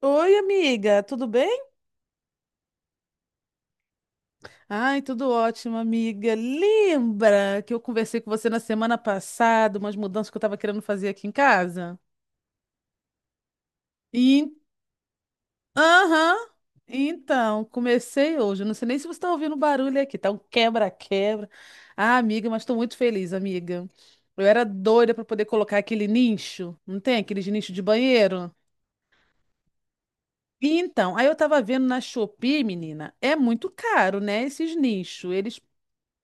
Oi, amiga, tudo bem? Ai, tudo ótimo, amiga. Lembra que eu conversei com você na semana passada, umas mudanças que eu estava querendo fazer aqui em casa? E, aham, então, comecei hoje. Eu não sei nem se você está ouvindo barulho aqui, tá um quebra-quebra. Ah, amiga, mas estou muito feliz, amiga. Eu era doida para poder colocar aquele nicho, não tem? Aqueles nicho de banheiro? Então, aí eu tava vendo na Shopee, menina, é muito caro, né? Esses nichos. Eles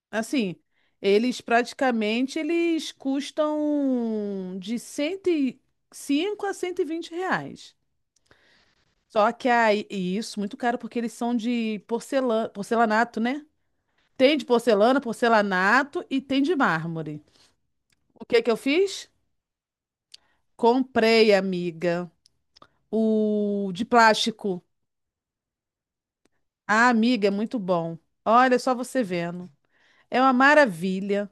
Assim, eles praticamente eles custam de 105 a R$ 120. Só que aí, e isso, muito caro, porque eles são de porcelana, porcelanato, né? Tem de porcelana, porcelanato e tem de mármore. O que que eu fiz? Comprei, amiga, o de plástico. Ah, amiga, é muito bom. Olha só você vendo. É uma maravilha.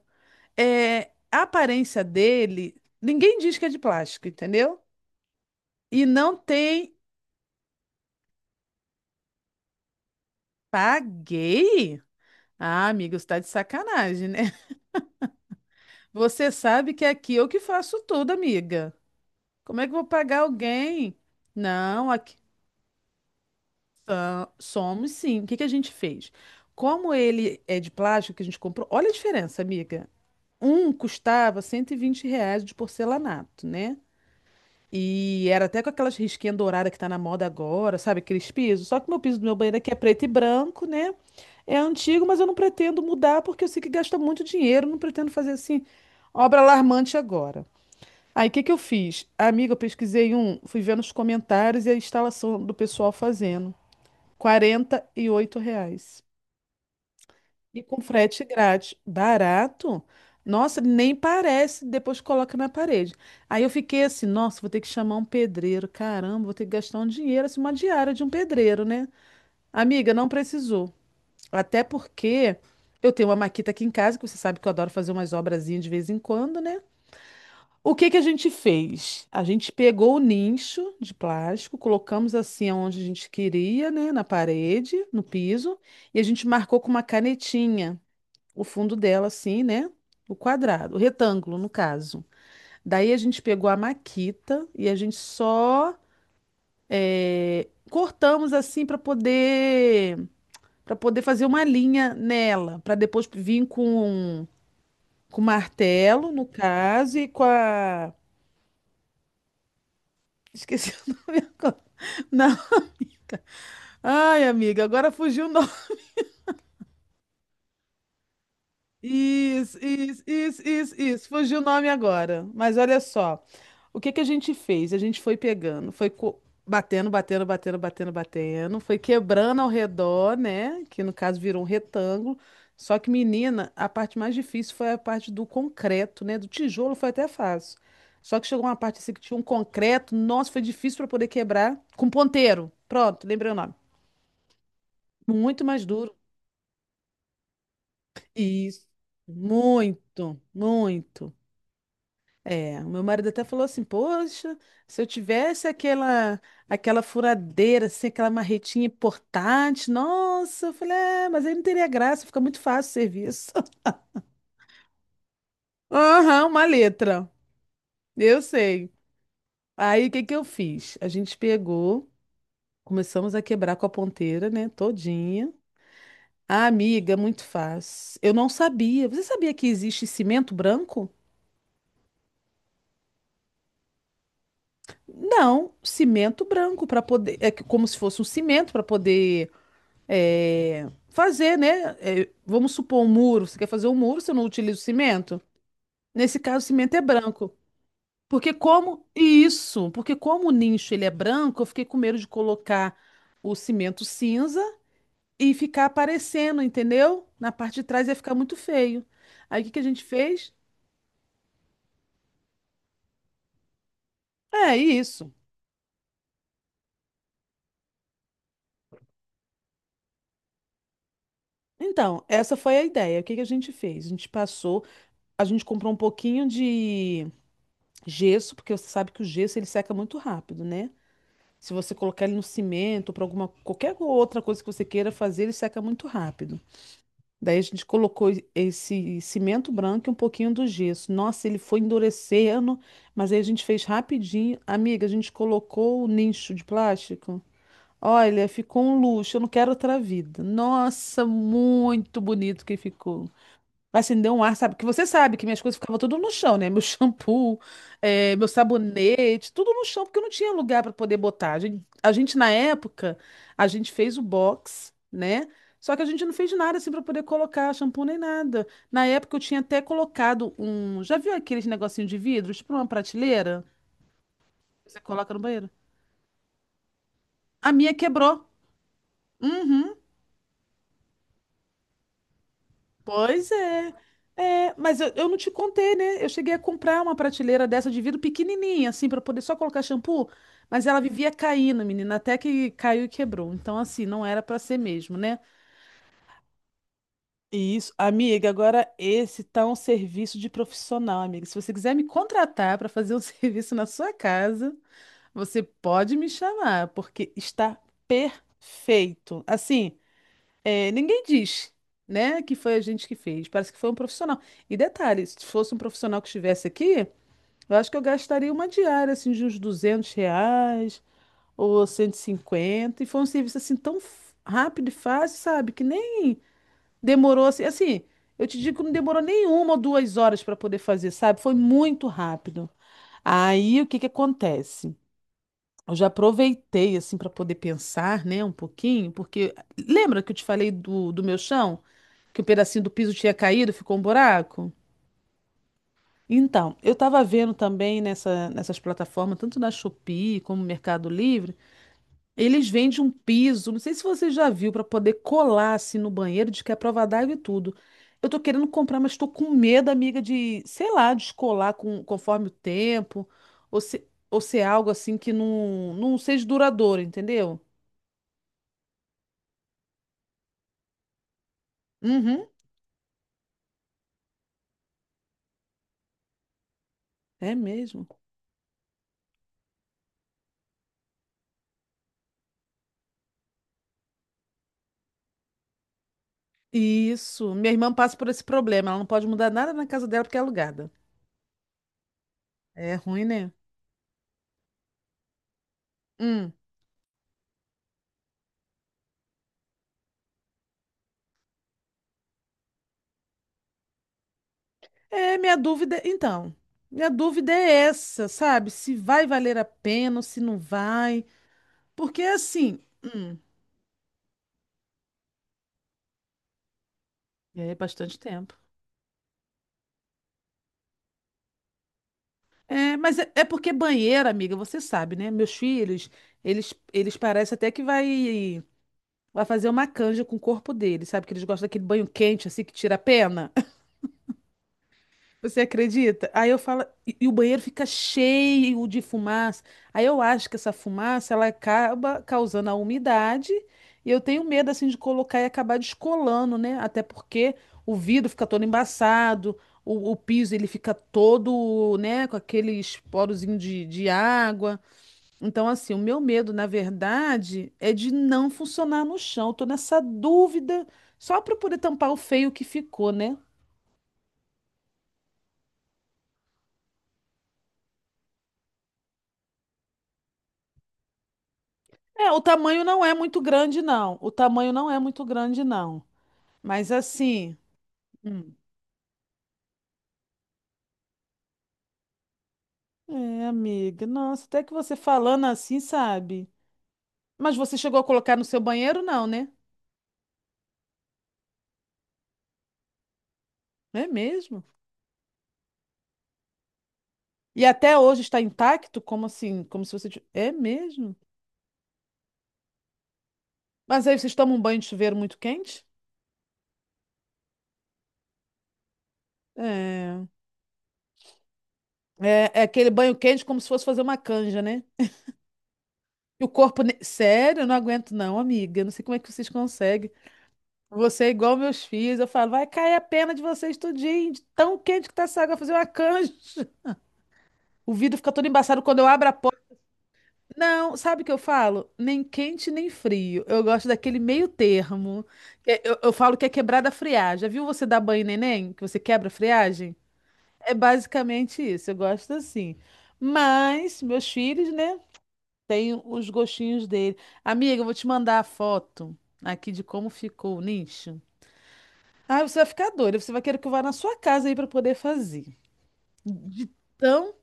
É, a aparência dele, ninguém diz que é de plástico, entendeu? E não tem. Paguei? Ah, amiga, você tá de sacanagem, né? Você sabe que aqui eu que faço tudo, amiga. Como é que eu vou pagar alguém? Não, aqui ah, somos sim. O que que a gente fez? Como ele é de plástico que a gente comprou, olha a diferença, amiga. Um custava R$ 120 de porcelanato, né? E era até com aquelas risquinhas douradas que tá na moda agora, sabe? Aqueles pisos. Só que o meu piso do meu banheiro aqui é preto e branco, né? É antigo, mas eu não pretendo mudar porque eu sei que gasta muito dinheiro, não pretendo fazer assim obra alarmante agora. Aí o que que eu fiz? Amiga, eu pesquisei um, fui vendo os comentários e a instalação do pessoal fazendo. R$ 48. E com frete grátis. Barato? Nossa, nem parece, depois coloca na parede. Aí eu fiquei assim, nossa, vou ter que chamar um pedreiro. Caramba, vou ter que gastar um dinheiro, assim, uma diária de um pedreiro, né? Amiga, não precisou. Até porque eu tenho uma maquita aqui em casa, que você sabe que eu adoro fazer umas obrazinhas de vez em quando, né? O que que a gente fez? A gente pegou o nicho de plástico, colocamos assim onde a gente queria, né? Na parede, no piso, e a gente marcou com uma canetinha o fundo dela, assim, né? O quadrado, o retângulo, no caso. Daí a gente pegou a maquita e a gente só cortamos assim para poder fazer uma linha nela, para depois vir com martelo, no caso, e com a. Esqueci o nome agora. Não. Ai, amiga, agora fugiu o nome. Isso, isso, isso, isso, isso. Fugiu o nome agora. Mas olha só. O que que a gente fez? A gente foi pegando, batendo, batendo, batendo, batendo, batendo, foi quebrando ao redor, né? Que no caso virou um retângulo. Só que, menina, a parte mais difícil foi a parte do concreto, né? Do tijolo foi até fácil. Só que chegou uma parte assim que tinha um concreto, nossa, foi difícil para poder quebrar com ponteiro. Pronto, lembrei o nome. Muito mais duro. Isso. Muito, muito. É, o meu marido até falou assim, poxa, se eu tivesse aquela furadeira, assim, aquela marretinha portátil, nossa, eu falei, mas aí não teria graça, fica muito fácil o serviço. Aham, uma letra, eu sei. Aí o que que eu fiz? A gente pegou, começamos a quebrar com a ponteira, né, todinha. Ah, amiga, muito fácil. Eu não sabia. Você sabia que existe cimento branco? Não, cimento branco para poder, como se fosse um cimento para poder fazer, né? é, vamos supor um muro. Você quer fazer um muro, você não utiliza o cimento? Nesse caso, o cimento é branco. Porque como o nicho ele é branco, eu fiquei com medo de colocar o cimento cinza e ficar aparecendo, entendeu? Na parte de trás ia ficar muito feio. Aí o que que a gente fez? É isso. Então, essa foi a ideia. O que que a gente fez? A gente passou, a gente comprou um pouquinho de gesso, porque você sabe que o gesso ele seca muito rápido, né? Se você colocar ele no cimento, para alguma qualquer outra coisa que você queira fazer, ele seca muito rápido. Daí a gente colocou esse cimento branco e um pouquinho do gesso. Nossa, ele foi endurecendo, mas aí a gente fez rapidinho. Amiga, a gente colocou o nicho de plástico. Olha, ficou um luxo. Eu não quero outra vida. Nossa, muito bonito que ficou. Acendeu um ar, sabe? Que você sabe que minhas coisas ficavam tudo no chão, né? Meu shampoo, meu sabonete, tudo no chão, porque eu não tinha lugar para poder botar. A gente, na época, a gente fez o box, né? Só que a gente não fez nada assim para poder colocar shampoo nem nada. Na época eu tinha até colocado um. Já viu aqueles negocinho de vidro, tipo uma prateleira? Que você coloca no banheiro? A minha quebrou. Uhum. Pois é. É, mas eu não te contei, né? Eu cheguei a comprar uma prateleira dessa de vidro pequenininha, assim, para poder só colocar shampoo, mas ela vivia caindo, menina, até que caiu e quebrou. Então, assim, não era para ser mesmo, né? E isso, amiga, agora esse tá um serviço de profissional, amiga. Se você quiser me contratar para fazer um serviço na sua casa, você pode me chamar, porque está perfeito. Assim, ninguém diz, né, que foi a gente que fez. Parece que foi um profissional. E detalhe, se fosse um profissional que estivesse aqui, eu acho que eu gastaria uma diária, assim, de uns R$ 200 ou 150. E cinquenta. E foi um serviço, assim, rápido e fácil, sabe? Que nem demorou, assim, eu te digo que não demorou nem 1 ou 2 horas para poder fazer, sabe? Foi muito rápido. Aí, o que que acontece? Eu já aproveitei, assim, para poder pensar, né, um pouquinho, porque lembra que eu te falei do meu chão? Que o pedacinho do piso tinha caído, ficou um buraco. Então, eu estava vendo também nessas plataformas, tanto na Shopee como no Mercado Livre, eles vendem um piso, não sei se você já viu, para poder colar assim no banheiro, de que é prova d'água e tudo. Eu tô querendo comprar, mas estou com medo, amiga, de, sei lá, descolar com, conforme o tempo, ou se, ou ser algo assim que não, não seja duradouro, entendeu? Uhum, é mesmo. Isso. Minha irmã passa por esse problema, ela não pode mudar nada na casa dela porque é alugada. É ruim, né? Hum. É, minha dúvida, então, minha dúvida é essa, sabe? Se vai valer a pena ou se não vai. Porque assim, hum, é bastante tempo. É, mas é porque banheiro, amiga, você sabe, né? Meus filhos, eles parecem até que vai fazer uma canja com o corpo deles, sabe? Que eles gostam daquele banho quente assim que tira a pena. Você acredita? Aí eu falo, e o banheiro fica cheio de fumaça. Aí eu acho que essa fumaça ela acaba causando a umidade e eu tenho medo assim de colocar e acabar descolando, né? Até porque o vidro fica todo embaçado, o piso ele fica todo, né, com aqueles porozinhos de água. Então, assim, o meu medo, na verdade, é de não funcionar no chão. Eu tô nessa dúvida só para poder tampar o feio que ficou, né? É, o tamanho não é muito grande, não. O tamanho não é muito grande, não. Mas assim. Hum, é, amiga. Nossa, até que você falando assim, sabe? Mas você chegou a colocar no seu banheiro, não, né? É mesmo? E até hoje está intacto? Como assim? Como se você. É mesmo? Mas aí vocês tomam um banho de chuveiro muito quente? É. É, é aquele banho quente como se fosse fazer uma canja, né? E o corpo. Sério, eu não aguento, não, amiga. Eu não sei como é que vocês conseguem. Você é igual meus filhos. Eu falo, vai cair a pena de vocês tudinho, de tão quente que tá essa água, fazer uma canja. O vidro fica todo embaçado quando eu abro a porta. Não, sabe o que eu falo? Nem quente, nem frio. Eu gosto daquele meio termo. É, eu falo que é quebrada a friagem. Já viu você dar banho em neném? Que você quebra a friagem? É basicamente isso. Eu gosto assim. Mas, meus filhos, né? Tem os gostinhos dele. Amiga, eu vou te mandar a foto aqui de como ficou o nicho. Ah, você vai ficar doida. Você vai querer que eu vá na sua casa aí para poder fazer. De tão.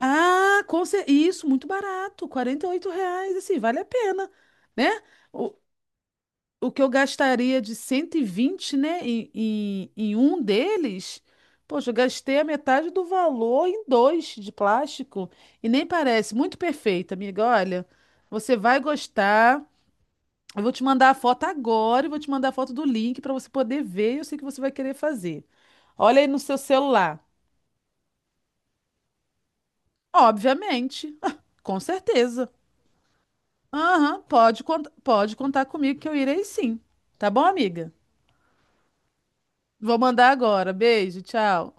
Ah, isso, muito barato. R$ 48, assim, vale a pena, né? O, o que eu gastaria de 120, né, em um deles, poxa, eu gastei a metade do valor em dois de plástico. E nem parece. Muito perfeito, amiga. Olha, você vai gostar. Eu vou te mandar a foto agora, eu vou te mandar a foto do link para você poder ver. Eu sei que você vai querer fazer. Olha aí no seu celular. Obviamente, com certeza. Aham, pode contar comigo que eu irei sim. Tá bom, amiga? Vou mandar agora. Beijo, tchau.